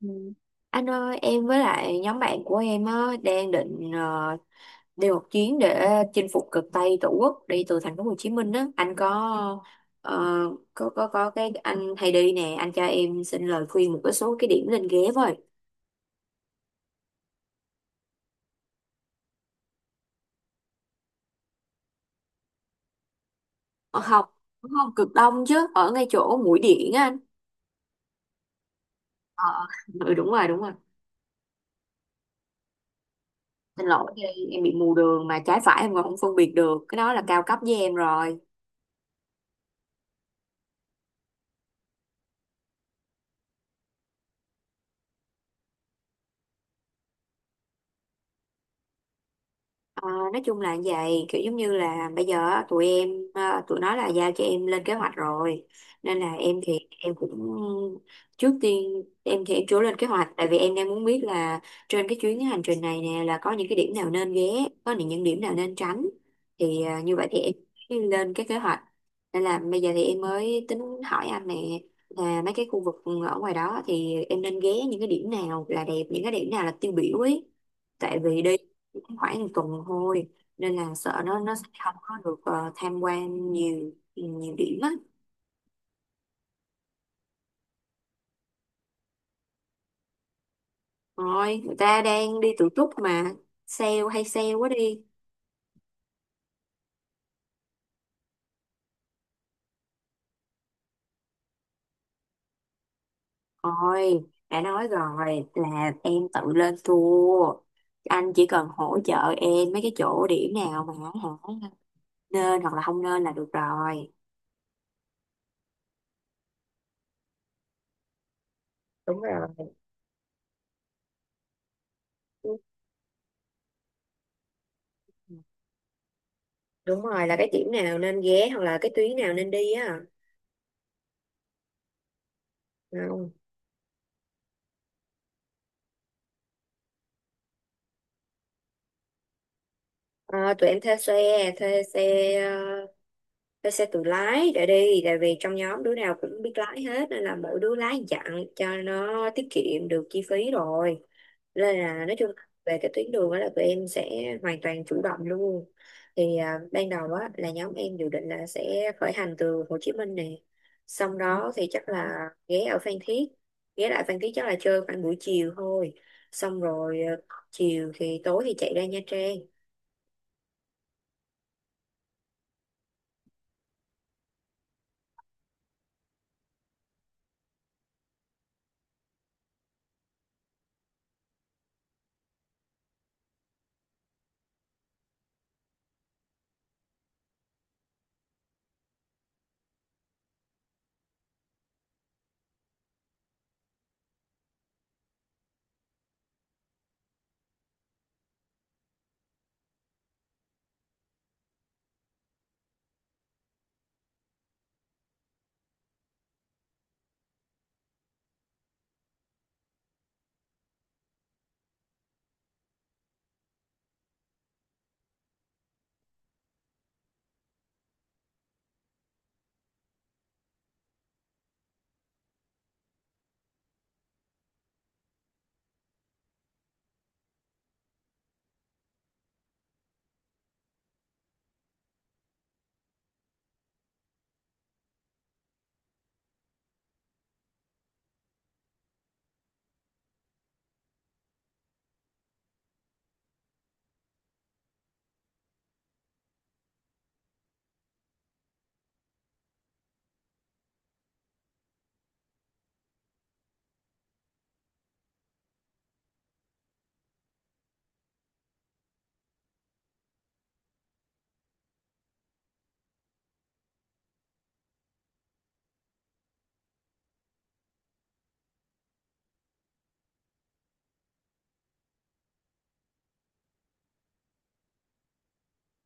Ừ. Anh ơi, em với lại nhóm bạn của em á, đang định đi một chuyến để chinh phục cực Tây Tổ quốc đi từ thành phố Hồ Chí Minh á. Anh có ờ, có cái anh hay đi nè, anh cho em xin lời khuyên một cái số cái điểm nên ghé với. Ờ, không, đúng không cực Đông chứ, ở ngay chỗ Mũi Điện á anh. Ờ, ờ. Ừ, đúng rồi, đúng rồi. Xin lỗi, em bị mù đường mà trái phải em còn không phân biệt được. Cái đó là cao cấp với em rồi. Ờ, nói chung là vậy, kiểu giống như là bây giờ á, tụi nó là giao cho em lên kế hoạch rồi, nên là em thì em cũng trước tiên em thì em chưa lên kế hoạch tại vì em đang muốn biết là trên cái chuyến hành trình này nè là có những cái điểm nào nên ghé, có những điểm nào nên tránh thì như vậy thì em mới lên cái kế hoạch, nên là bây giờ thì em mới tính hỏi anh nè, là mấy cái khu vực ở ngoài đó thì em nên ghé những cái điểm nào là đẹp, những cái điểm nào là tiêu biểu ấy, tại vì đi khoảng một tuần thôi nên là sợ nó sẽ không có được tham quan nhiều nhiều điểm á. Rồi người ta đang đi tự túc mà, sale hay sale quá đi. Rồi đã nói rồi là em tự lên tour, anh chỉ cần hỗ trợ em mấy cái chỗ điểm nào mà hả nên hoặc là không nên là được rồi. Đúng rồi. Ừ, đúng rồi, là cái điểm nào nên ghé hoặc là cái tuyến nào nên đi á. Không. Ờ, tụi em thuê xe thuê xe, tôi sẽ tự lái để đi tại vì trong nhóm đứa nào cũng biết lái hết, nên là mỗi đứa lái dặn cho nó tiết kiệm được chi phí rồi, nên là nói chung về cái tuyến đường đó là tụi em sẽ hoàn toàn chủ động luôn. Thì ban đầu á là nhóm em dự định là sẽ khởi hành từ Hồ Chí Minh nè, xong đó thì chắc là ghé ở Phan Thiết, ghé lại Phan Thiết chắc là chơi khoảng buổi chiều thôi, xong rồi chiều thì tối thì chạy ra Nha Trang.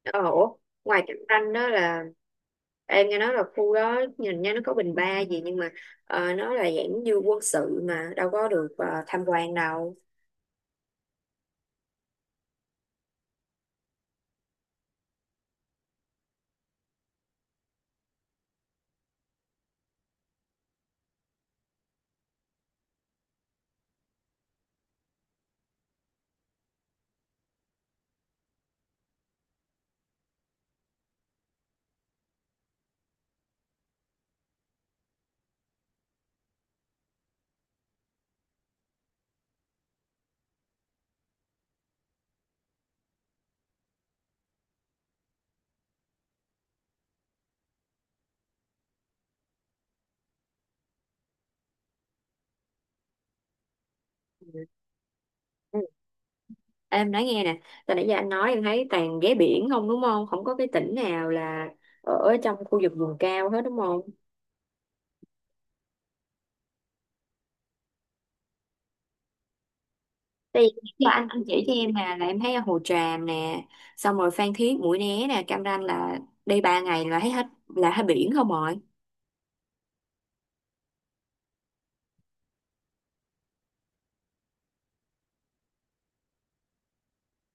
Ờ ủa, ngoài Cam Ranh đó là em nghe nói là khu đó nhìn nha nó có bình ba gì nhưng mà nó là dạng như quân sự mà đâu có được tham quan đâu. Ừ. Ừ. Em nói nghe nè, từ nãy giờ anh nói em thấy toàn ghé biển không đúng không? Không có cái tỉnh nào là ở trong khu vực vùng cao hết đúng không? Thì do anh chỉ cho em nè là em thấy ở Hồ Tràm nè, xong rồi Phan Thiết, Mũi Né nè, Cam Ranh là đi 3 ngày là thấy hết, là hết biển không rồi.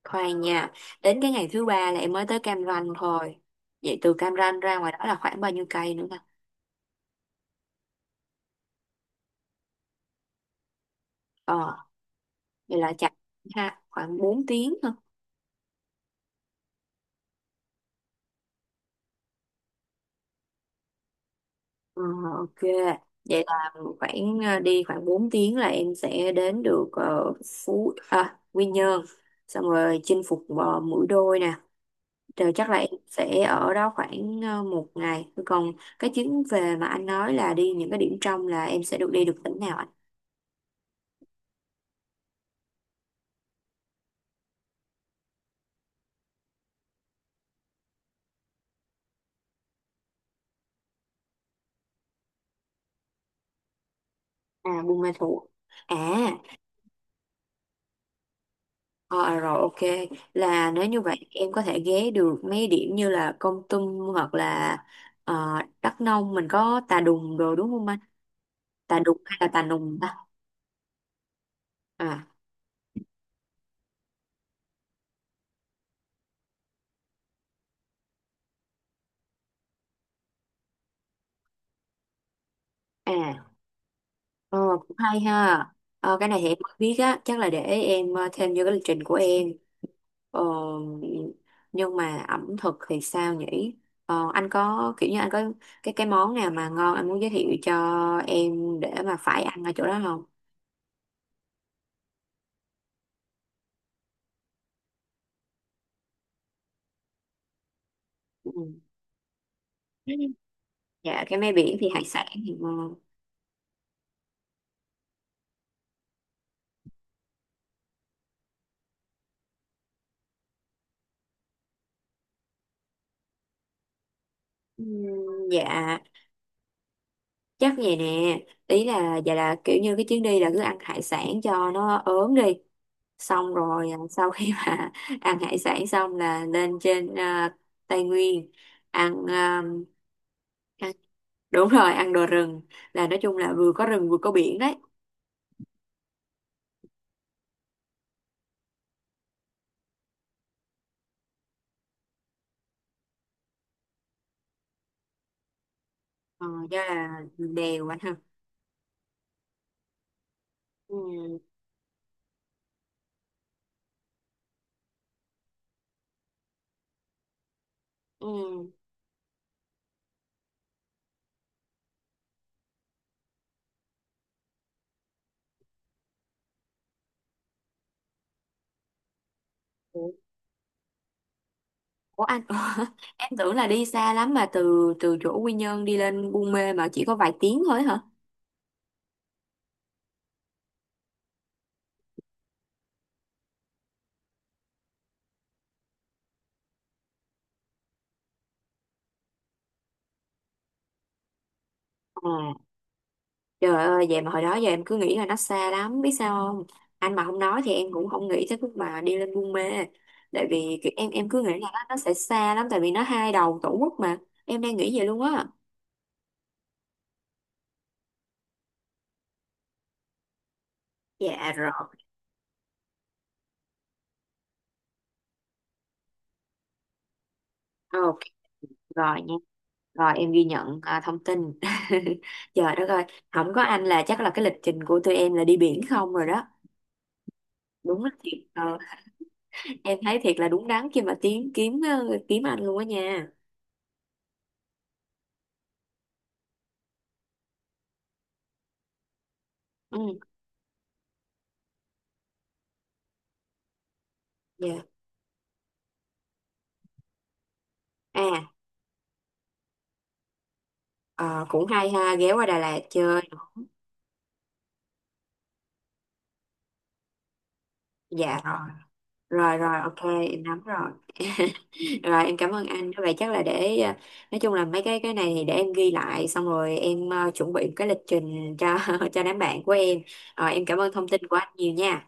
Khoan nha, đến cái ngày thứ ba là em mới tới Cam Ranh thôi. Vậy từ Cam Ranh ra ngoài đó là khoảng bao nhiêu cây nữa nè? Ờ, vậy là chắc ha, khoảng bốn tiếng thôi. Ờ, ok, vậy là khoảng đi khoảng 4 tiếng là em sẽ đến được Quy Nhơn. Xong rồi chinh phục Mũi Đôi nè. Rồi chắc là em sẽ ở đó khoảng một ngày. Còn cái chuyến về mà anh nói là đi những cái điểm trong, là em sẽ được đi được tỉnh nào anh? À, Buôn Ma Thuột. À. Ờ, à, rồi ok, là nếu như vậy em có thể ghé được mấy điểm như là Kon Tum hoặc là ờ, Đắk Nông, mình có Tà Đùng rồi đúng không anh? Tà Đùng hay là Tà Nùng ta? À à ờ, cũng hay ha. Ờ, cái này thì em không biết á, chắc là để em thêm vô cái lịch trình của em. Ờ, nhưng mà ẩm thực thì sao nhỉ? Ờ, anh có kiểu như anh có cái món nào mà ngon anh muốn giới thiệu cho em để mà phải ăn ở chỗ đó không? Ừ. Dạ cái mé biển thì hải sản thì ngon. Dạ, chắc vậy nè, ý là dạ là kiểu như cái chuyến đi là cứ ăn hải sản cho nó ốm đi, xong rồi sau khi mà ăn hải sản xong là lên trên Tây Nguyên ăn à, ăn đúng rồi ăn đồ rừng, là nói chung là vừa có rừng vừa có biển đấy. Ờ, do là đèo anh ha. Ừ, ừ. Ủa anh em tưởng là đi xa lắm mà từ từ chỗ Quy Nhơn đi lên Buôn Mê mà chỉ có vài tiếng thôi hả? À, trời ơi vậy mà hồi đó giờ em cứ nghĩ là nó xa lắm biết sao không? Anh mà không nói thì em cũng không nghĩ tới lúc mà đi lên Buôn Mê. Tại vì kiểu em cứ nghĩ là nó sẽ xa lắm tại vì nó hai đầu tổ quốc mà. Em đang nghĩ vậy luôn á. Dạ rồi. Ok rồi nha. Rồi em ghi nhận thông tin. Trời đất ơi, không có anh là chắc là cái lịch trình của tụi em là đi biển không rồi đó. Đúng là thiệt. Ờ, em thấy thiệt là đúng đắn khi mà kiếm anh luôn á nha. Ừ. Dạ. à ờ, Cũng hay ha, ghé qua Đà Lạt chơi. Dạ rồi. Rồi rồi, ok, em nắm rồi. Rồi em cảm ơn anh, vậy chắc là để nói chung là mấy cái này thì để em ghi lại xong rồi em chuẩn bị một cái lịch trình cho cho đám bạn của em. Ờ, em cảm ơn thông tin của anh nhiều nha.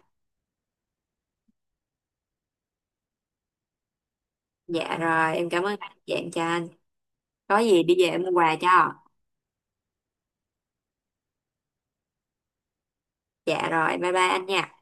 Dạ rồi em cảm ơn anh, dạ em chào anh, có gì đi về em mua quà cho. Dạ rồi, bye bye anh nha.